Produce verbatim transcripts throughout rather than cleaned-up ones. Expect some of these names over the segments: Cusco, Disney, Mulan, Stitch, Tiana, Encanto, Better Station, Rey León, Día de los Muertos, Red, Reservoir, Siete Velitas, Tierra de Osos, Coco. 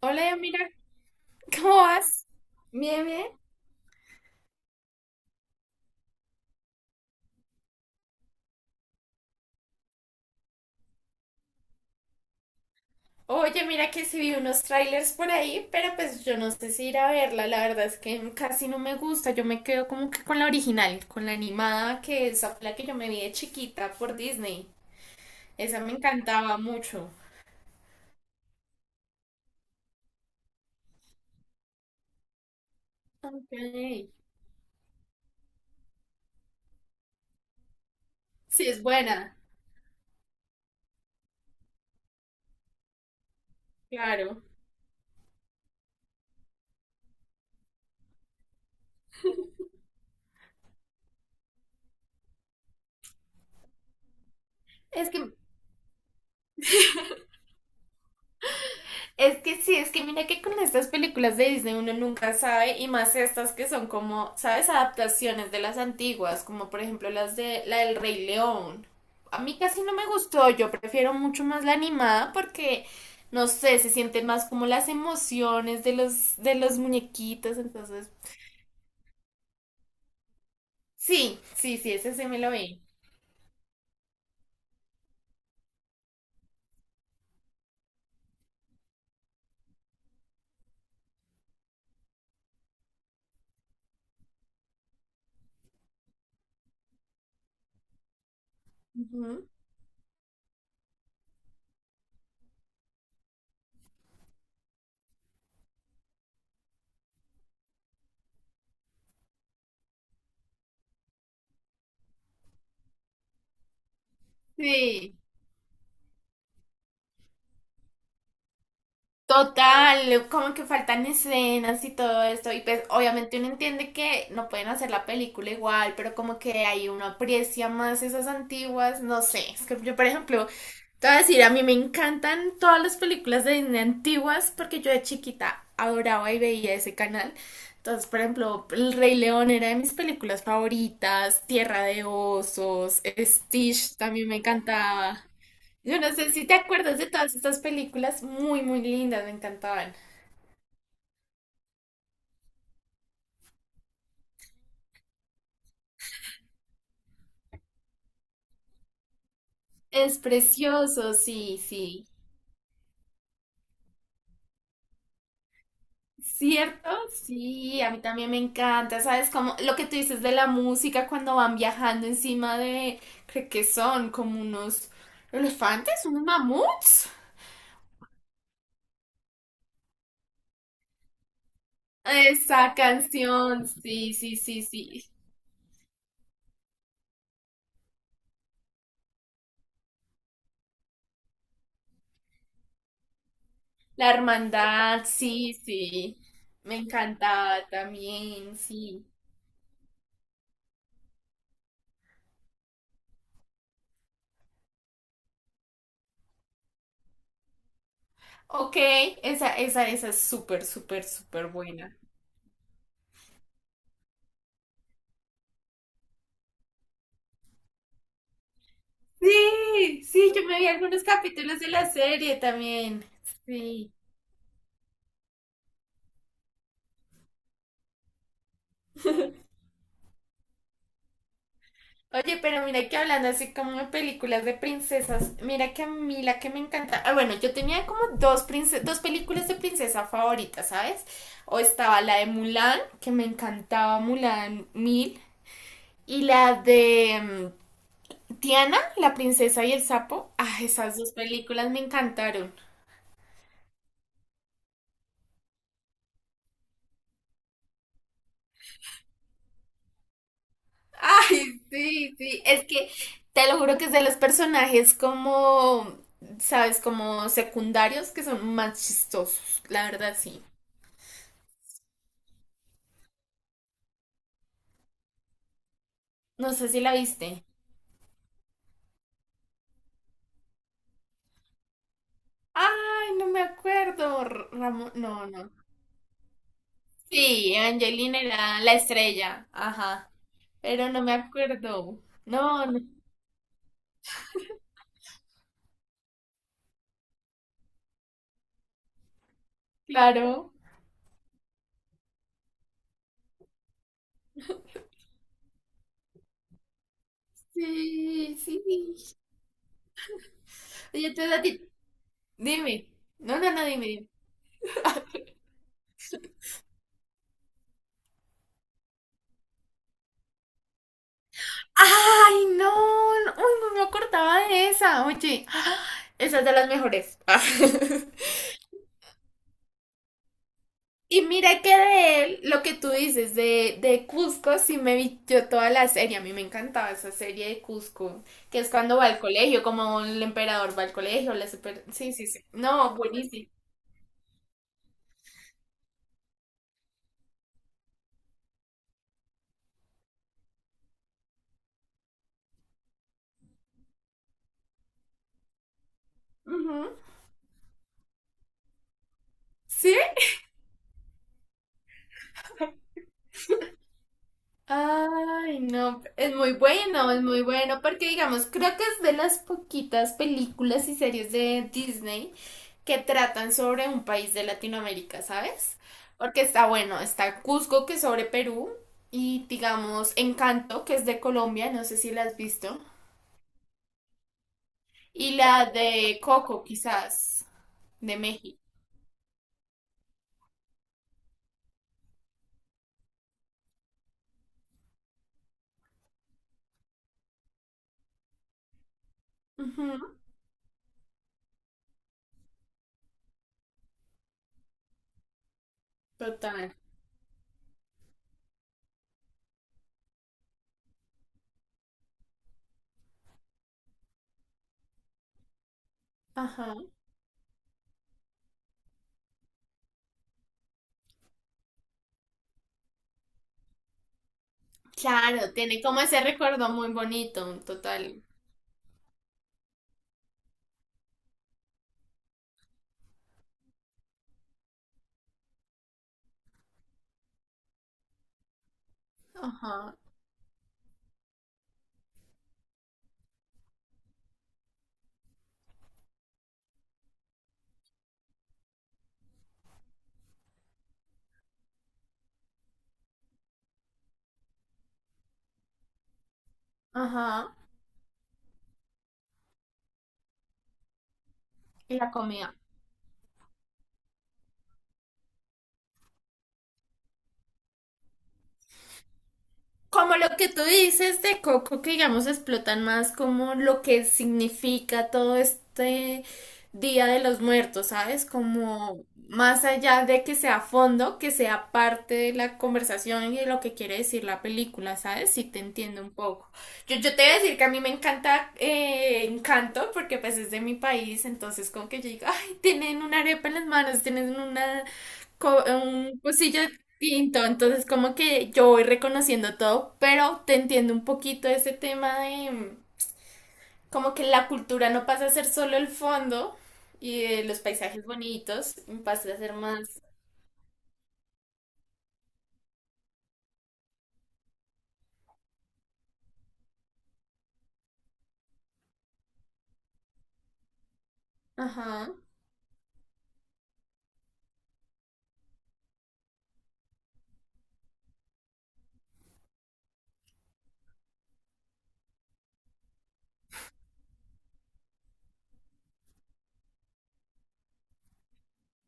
Hola, mira, ¿cómo vas? Bien, bien. Oye, mira que sí vi unos trailers por ahí, pero pues yo no sé si ir a verla, la verdad es que casi no me gusta, yo me quedo como que con la original, con la animada, que esa fue la que yo me vi de chiquita por Disney, esa me encantaba mucho. Ok. Sí, es buena, claro. Es que Es que sí, es que mira que con estas películas de Disney uno nunca sabe, y más estas que son como, ¿sabes? Adaptaciones de las antiguas, como por ejemplo las de la del Rey León. A mí casi no me gustó, yo prefiero mucho más la animada porque, no sé, se sienten más como las emociones de los, de los muñequitos, entonces... Sí, sí, sí, ese se me lo vi. Ujú. Sí. Total, como que faltan escenas y todo esto, y pues obviamente uno entiende que no pueden hacer la película igual, pero como que ahí uno aprecia más esas antiguas, no sé, es que yo por ejemplo, te voy a decir, a mí me encantan todas las películas de Disney antiguas porque yo de chiquita adoraba y veía ese canal, entonces por ejemplo, El Rey León era de mis películas favoritas, Tierra de Osos, Stitch también me encantaba. Yo no sé si te acuerdas de todas estas películas muy, muy lindas, me encantaban. Es precioso, sí, sí. ¿Cierto? Sí, a mí también me encanta, ¿sabes? Como lo que tú dices de la música cuando van viajando encima de, creo que son como unos elefantes, unos mamuts. Esa canción, sí, sí, sí, sí. La hermandad, sí, sí. Me encantaba también, sí. Ok, esa, esa, esa es súper, súper, súper buena. Sí, sí, yo me vi algunos capítulos de la serie también. Sí. Oye, pero mira que hablando así como de películas de princesas, mira que a mí la que me encanta. Ah, bueno, yo tenía como dos, prince- dos películas de princesa favoritas, ¿sabes? O estaba la de Mulan, que me encantaba Mulan mil, y la de mm, Tiana, la princesa y el sapo. Ah, esas dos películas me encantaron. Ay, sí, sí, es que te lo juro que es de los personajes como, sabes, como secundarios que son más chistosos, la verdad sí. No sé si la viste. Ay, no me acuerdo, R- Ramón, no, no. Sí, Angelina era la estrella, ajá, pero no me acuerdo. No, no, claro. Sí, sí. Oye, entonces a ti, dime. No, no, no, dime, dime. ¡Ay, no! No, ¡uy, no me acordaba de esa! Oye, ¡ah! Esa es de las mejores. Y mira que de él, lo que tú dices de, de Cusco, sí me vi yo toda la serie. A mí me encantaba esa serie de Cusco, que es cuando va al colegio, como el emperador va al colegio, la super... Sí, sí, sí. No, buenísimo. Ujú. Sí. Ay, no, es muy bueno, es muy bueno, porque digamos, creo que es de las poquitas películas y series de Disney que tratan sobre un país de Latinoamérica, ¿sabes? Porque está bueno, está Cusco, que es sobre Perú, y digamos, Encanto, que es de Colombia, no sé si la has visto, y la de Coco, quizás, de México. Ujú. Total. Ajá. Claro, tiene como ese recuerdo muy bonito, total. Ajá, ajá. Y la comida. Como lo que tú dices de Coco, que digamos explotan más como lo que significa todo este Día de los Muertos, ¿sabes? Como más allá de que sea fondo, que sea parte de la conversación y de lo que quiere decir la película, ¿sabes? Sí te entiendo un poco. Yo, yo te voy a decir que a mí me encanta eh, Encanto, porque pues es de mi país, entonces como que yo digo, ay, tienen una arepa en las manos, tienen una co- un cursillo distinto, entonces como que yo voy reconociendo todo, pero te entiendo un poquito ese tema de mm, como que la cultura no pasa a ser solo el fondo y eh, los paisajes bonitos, pasa a ser más... Ajá.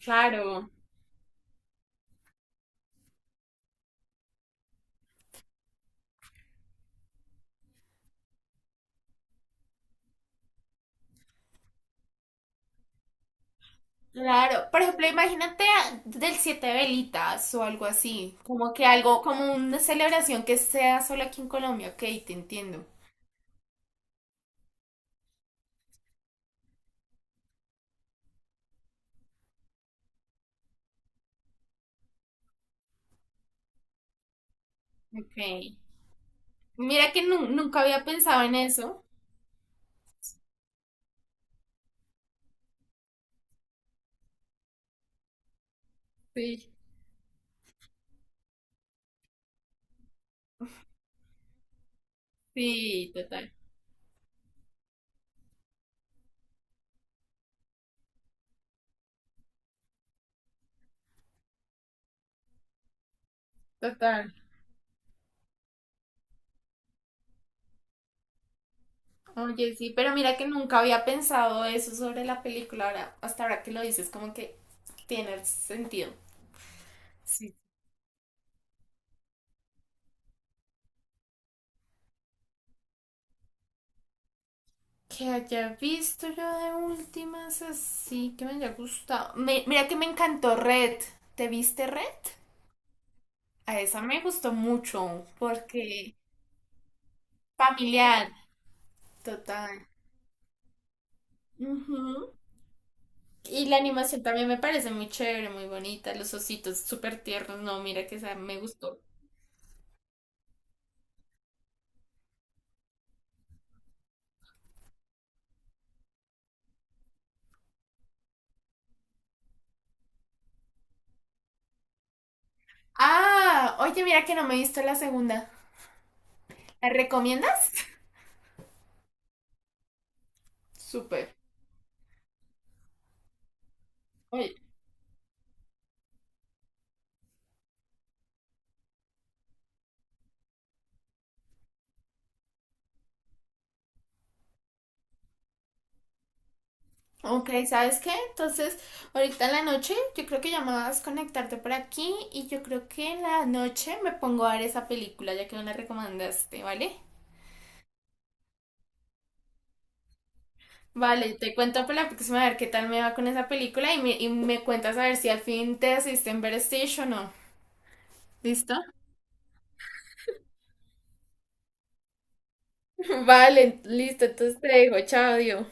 Claro. Claro, por ejemplo, imagínate a- del Siete Velitas o algo así, como que algo, como una celebración que sea solo aquí en Colombia, ok, te entiendo. Ok. Mira que nu- nunca había pensado en eso. Sí, sí, total. Total. Oye, sí, pero mira que nunca había pensado eso sobre la película. Ahora, hasta ahora que lo dices, como que tiene sentido. Sí. Que haya visto yo de últimas así, que me haya gustado. Me- mira que me encantó Red. ¿Te viste Red? A esa me gustó mucho porque familiar, total. Ujú. Y la animación también me parece muy chévere, muy bonita. Los ositos súper tiernos. No, mira que esa me gustó. Ah, oye, mira que no me he visto la segunda. ¿Me recomiendas? Súper. Oye, ok, ¿sabes qué? Entonces, ahorita en la noche, yo creo que ya me vas a conectarte por aquí y yo creo que en la noche me pongo a ver esa película, ya que me la recomendaste, ¿vale? Vale, te cuento para la próxima a ver qué tal me va con esa película y me, y me cuentas a ver si al fin te asiste en Better Station o no. ¿Listo? Vale, listo, entonces te dejo, chao, adiós.